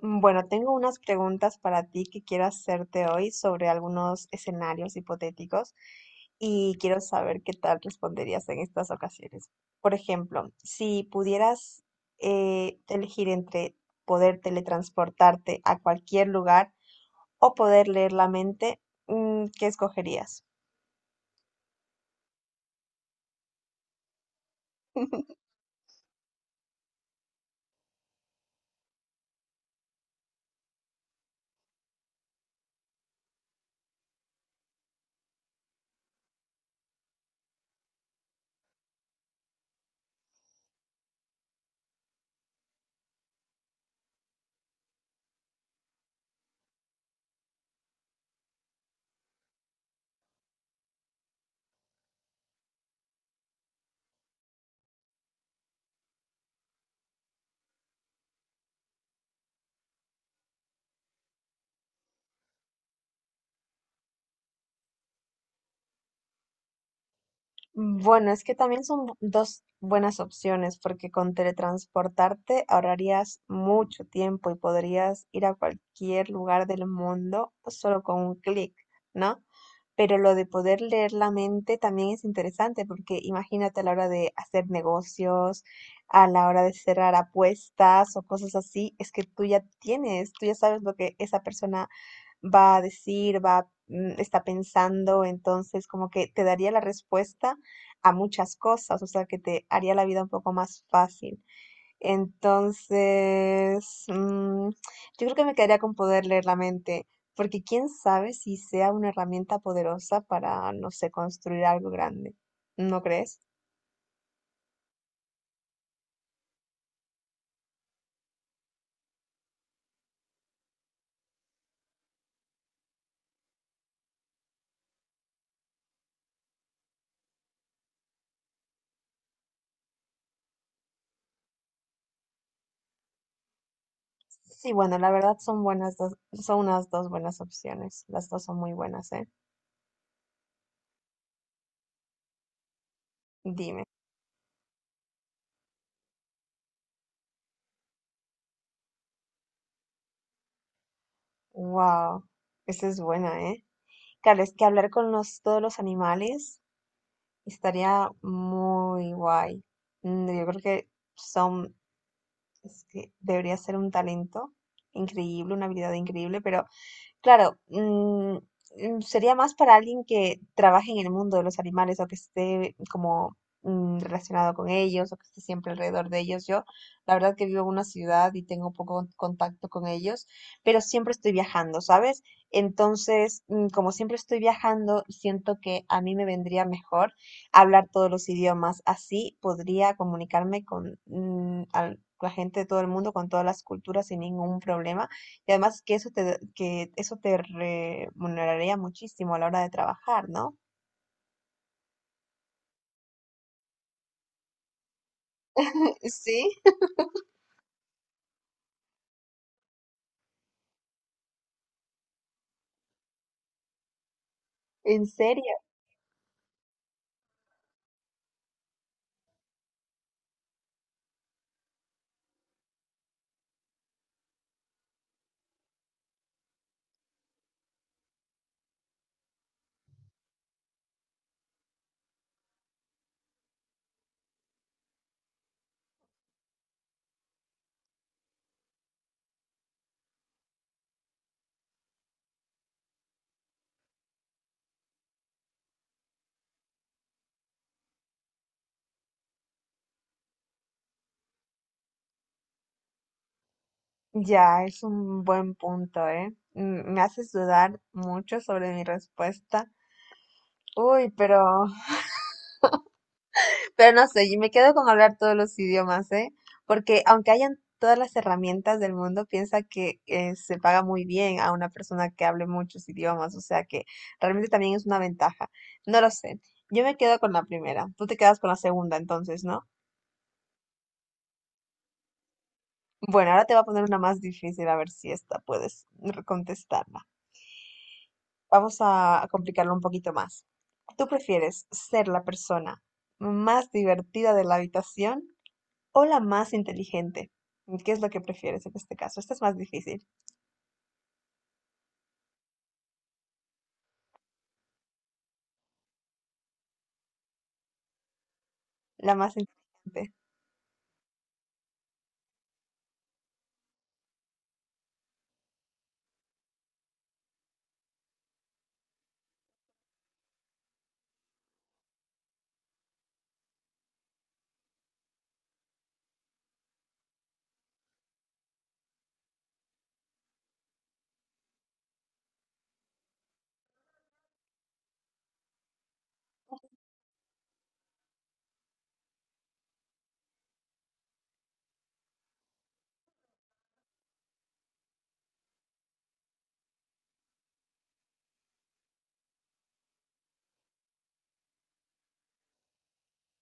Bueno, tengo unas preguntas para ti que quiero hacerte hoy sobre algunos escenarios hipotéticos y quiero saber qué tal responderías en estas ocasiones. Por ejemplo, si pudieras elegir entre poder teletransportarte a cualquier lugar o poder leer la mente, ¿qué escogerías? Bueno, es que también son dos buenas opciones porque con teletransportarte ahorrarías mucho tiempo y podrías ir a cualquier lugar del mundo solo con un clic, ¿no? Pero lo de poder leer la mente también es interesante porque imagínate a la hora de hacer negocios, a la hora de cerrar apuestas o cosas así, es que tú ya sabes lo que esa persona va a decir, va, mm, está pensando, entonces como que te daría la respuesta a muchas cosas, o sea, que te haría la vida un poco más fácil. Entonces, yo creo que me quedaría con poder leer la mente, porque quién sabe si sea una herramienta poderosa para, no sé, construir algo grande. ¿No crees? Sí, bueno, la verdad son buenas dos, son unas dos buenas opciones. Las dos son muy buenas, ¿eh? Dime. Wow, esa es buena, ¿eh? Claro, es que todos los animales. Estaría muy guay. Yo creo que son, es que debería ser un talento increíble, una habilidad increíble, pero claro, sería más para alguien que trabaje en el mundo de los animales o que esté como relacionado con ellos o que esté siempre alrededor de ellos. Yo, la verdad que vivo en una ciudad y tengo poco contacto con ellos, pero siempre estoy viajando, ¿sabes? Entonces, como siempre estoy viajando, siento que a mí me vendría mejor hablar todos los idiomas. Así podría comunicarme con la gente de todo el mundo, con todas las culturas sin ningún problema y además que eso te remuneraría muchísimo a la hora de trabajar, ¿no? Sí, ¿en serio? Ya, es un buen punto, ¿eh? Me haces dudar mucho sobre mi respuesta. Uy, pero no sé, yo me quedo con hablar todos los idiomas, ¿eh? Porque aunque hayan todas las herramientas del mundo, piensa que se paga muy bien a una persona que hable muchos idiomas, o sea que realmente también es una ventaja. No lo sé. Yo me quedo con la primera. Tú te quedas con la segunda, entonces, ¿no? Bueno, ahora te voy a poner una más difícil, a ver si esta puedes contestarla. Vamos a complicarlo un poquito más. ¿Tú prefieres ser la persona más divertida de la habitación o la más inteligente? ¿Qué es lo que prefieres en este caso? Esta es más difícil. La más inteligente.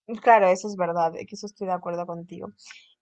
Claro, eso es verdad, que eso estoy de acuerdo contigo.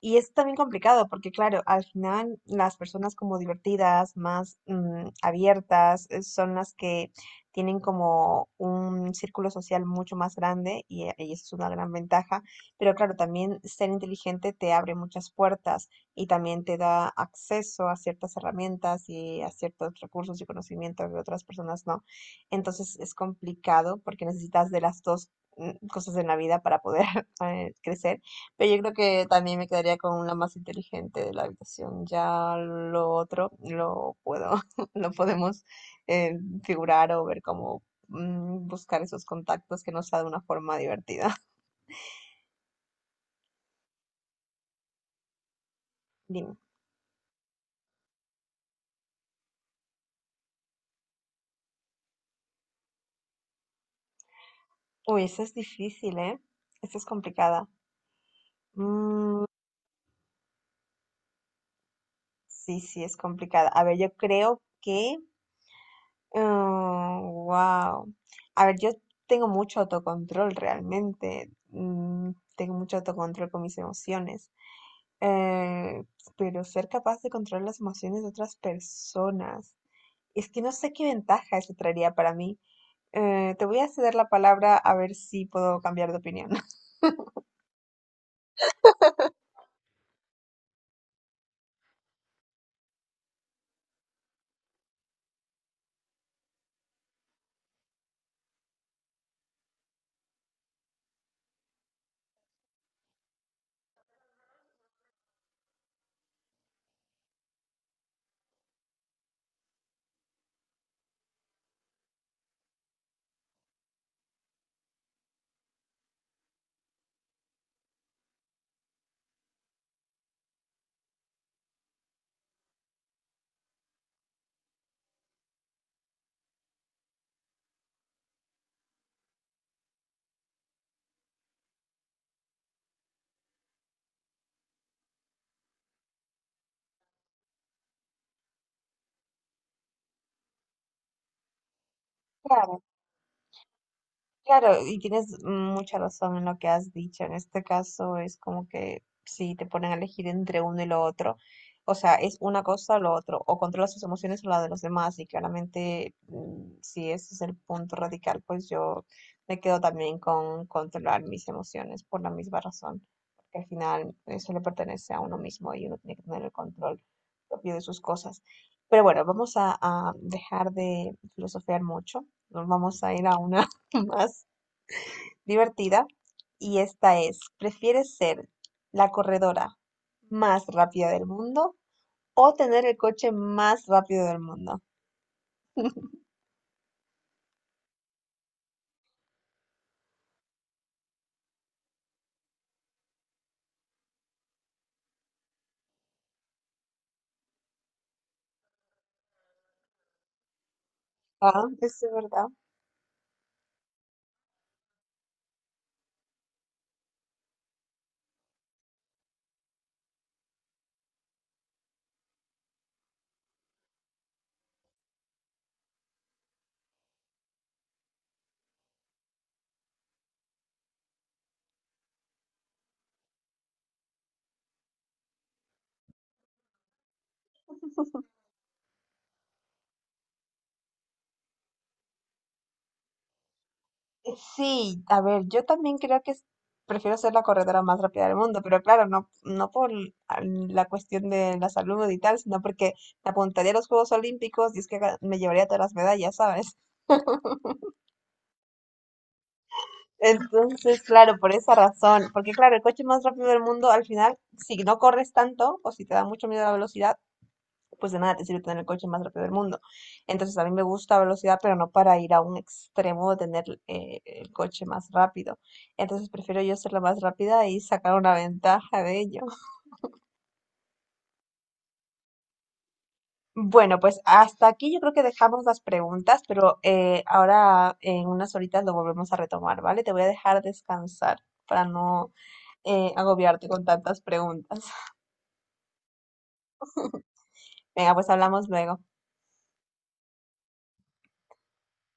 Y es también complicado porque, claro, al final las personas como divertidas, más abiertas, son las que tienen como un círculo social mucho más grande y eso es una gran ventaja. Pero claro, también ser inteligente te abre muchas puertas y también te da acceso a ciertas herramientas y a ciertos recursos y conocimientos que otras personas no. Entonces es complicado porque necesitas de las dos cosas en la vida para poder crecer, pero yo creo que también me quedaría con la más inteligente de la habitación. Ya lo otro lo puedo, lo podemos eh, figurar o ver cómo buscar esos contactos que nos da de una forma divertida. Dime. Uy, esa es difícil, ¿eh? Esa es complicada. Mm, sí, sí, es complicada. A ver, yo creo que wow. A ver, yo tengo mucho autocontrol realmente. Tengo mucho autocontrol con mis emociones. eh, pero ser capaz de controlar las emociones de otras personas, es que no sé qué ventaja eso traería para mí. Te voy a ceder la palabra a ver si puedo cambiar de opinión. Claro, y tienes mucha razón en lo que has dicho. En este caso es como que si te ponen a elegir entre uno y lo otro, o sea, es una cosa o lo otro, o controlas tus emociones o la de los demás, y claramente si ese es el punto radical, pues yo me quedo también con controlar mis emociones por la misma razón, porque al final eso le pertenece a uno mismo y uno tiene que tener el control propio de sus cosas. Pero bueno, a dejar de filosofear mucho, nos vamos a ir a una más divertida y esta es, ¿prefieres ser la corredora más rápida del mundo o tener el coche más rápido del mundo? Ah, eso es verdad. Sí, a ver, yo también creo que prefiero ser la corredora más rápida del mundo, pero claro, no por la cuestión de la salud y tal, sino porque me apuntaría a los Juegos Olímpicos y es que me llevaría todas las medallas, ¿sabes? Entonces, claro, por esa razón, porque claro, el coche más rápido del mundo, al final, si no corres tanto o si te da mucho miedo la velocidad, pues de nada te sirve tener el coche más rápido del mundo. Entonces, a mí me gusta velocidad, pero no para ir a un extremo de tener el coche más rápido. Entonces, prefiero yo ser la más rápida y sacar una ventaja de ello. Bueno, pues hasta aquí yo creo que dejamos las preguntas, pero ahora en unas horitas lo volvemos a retomar, ¿vale? Te voy a dejar descansar para no agobiarte con tantas preguntas. Venga, pues hablamos luego.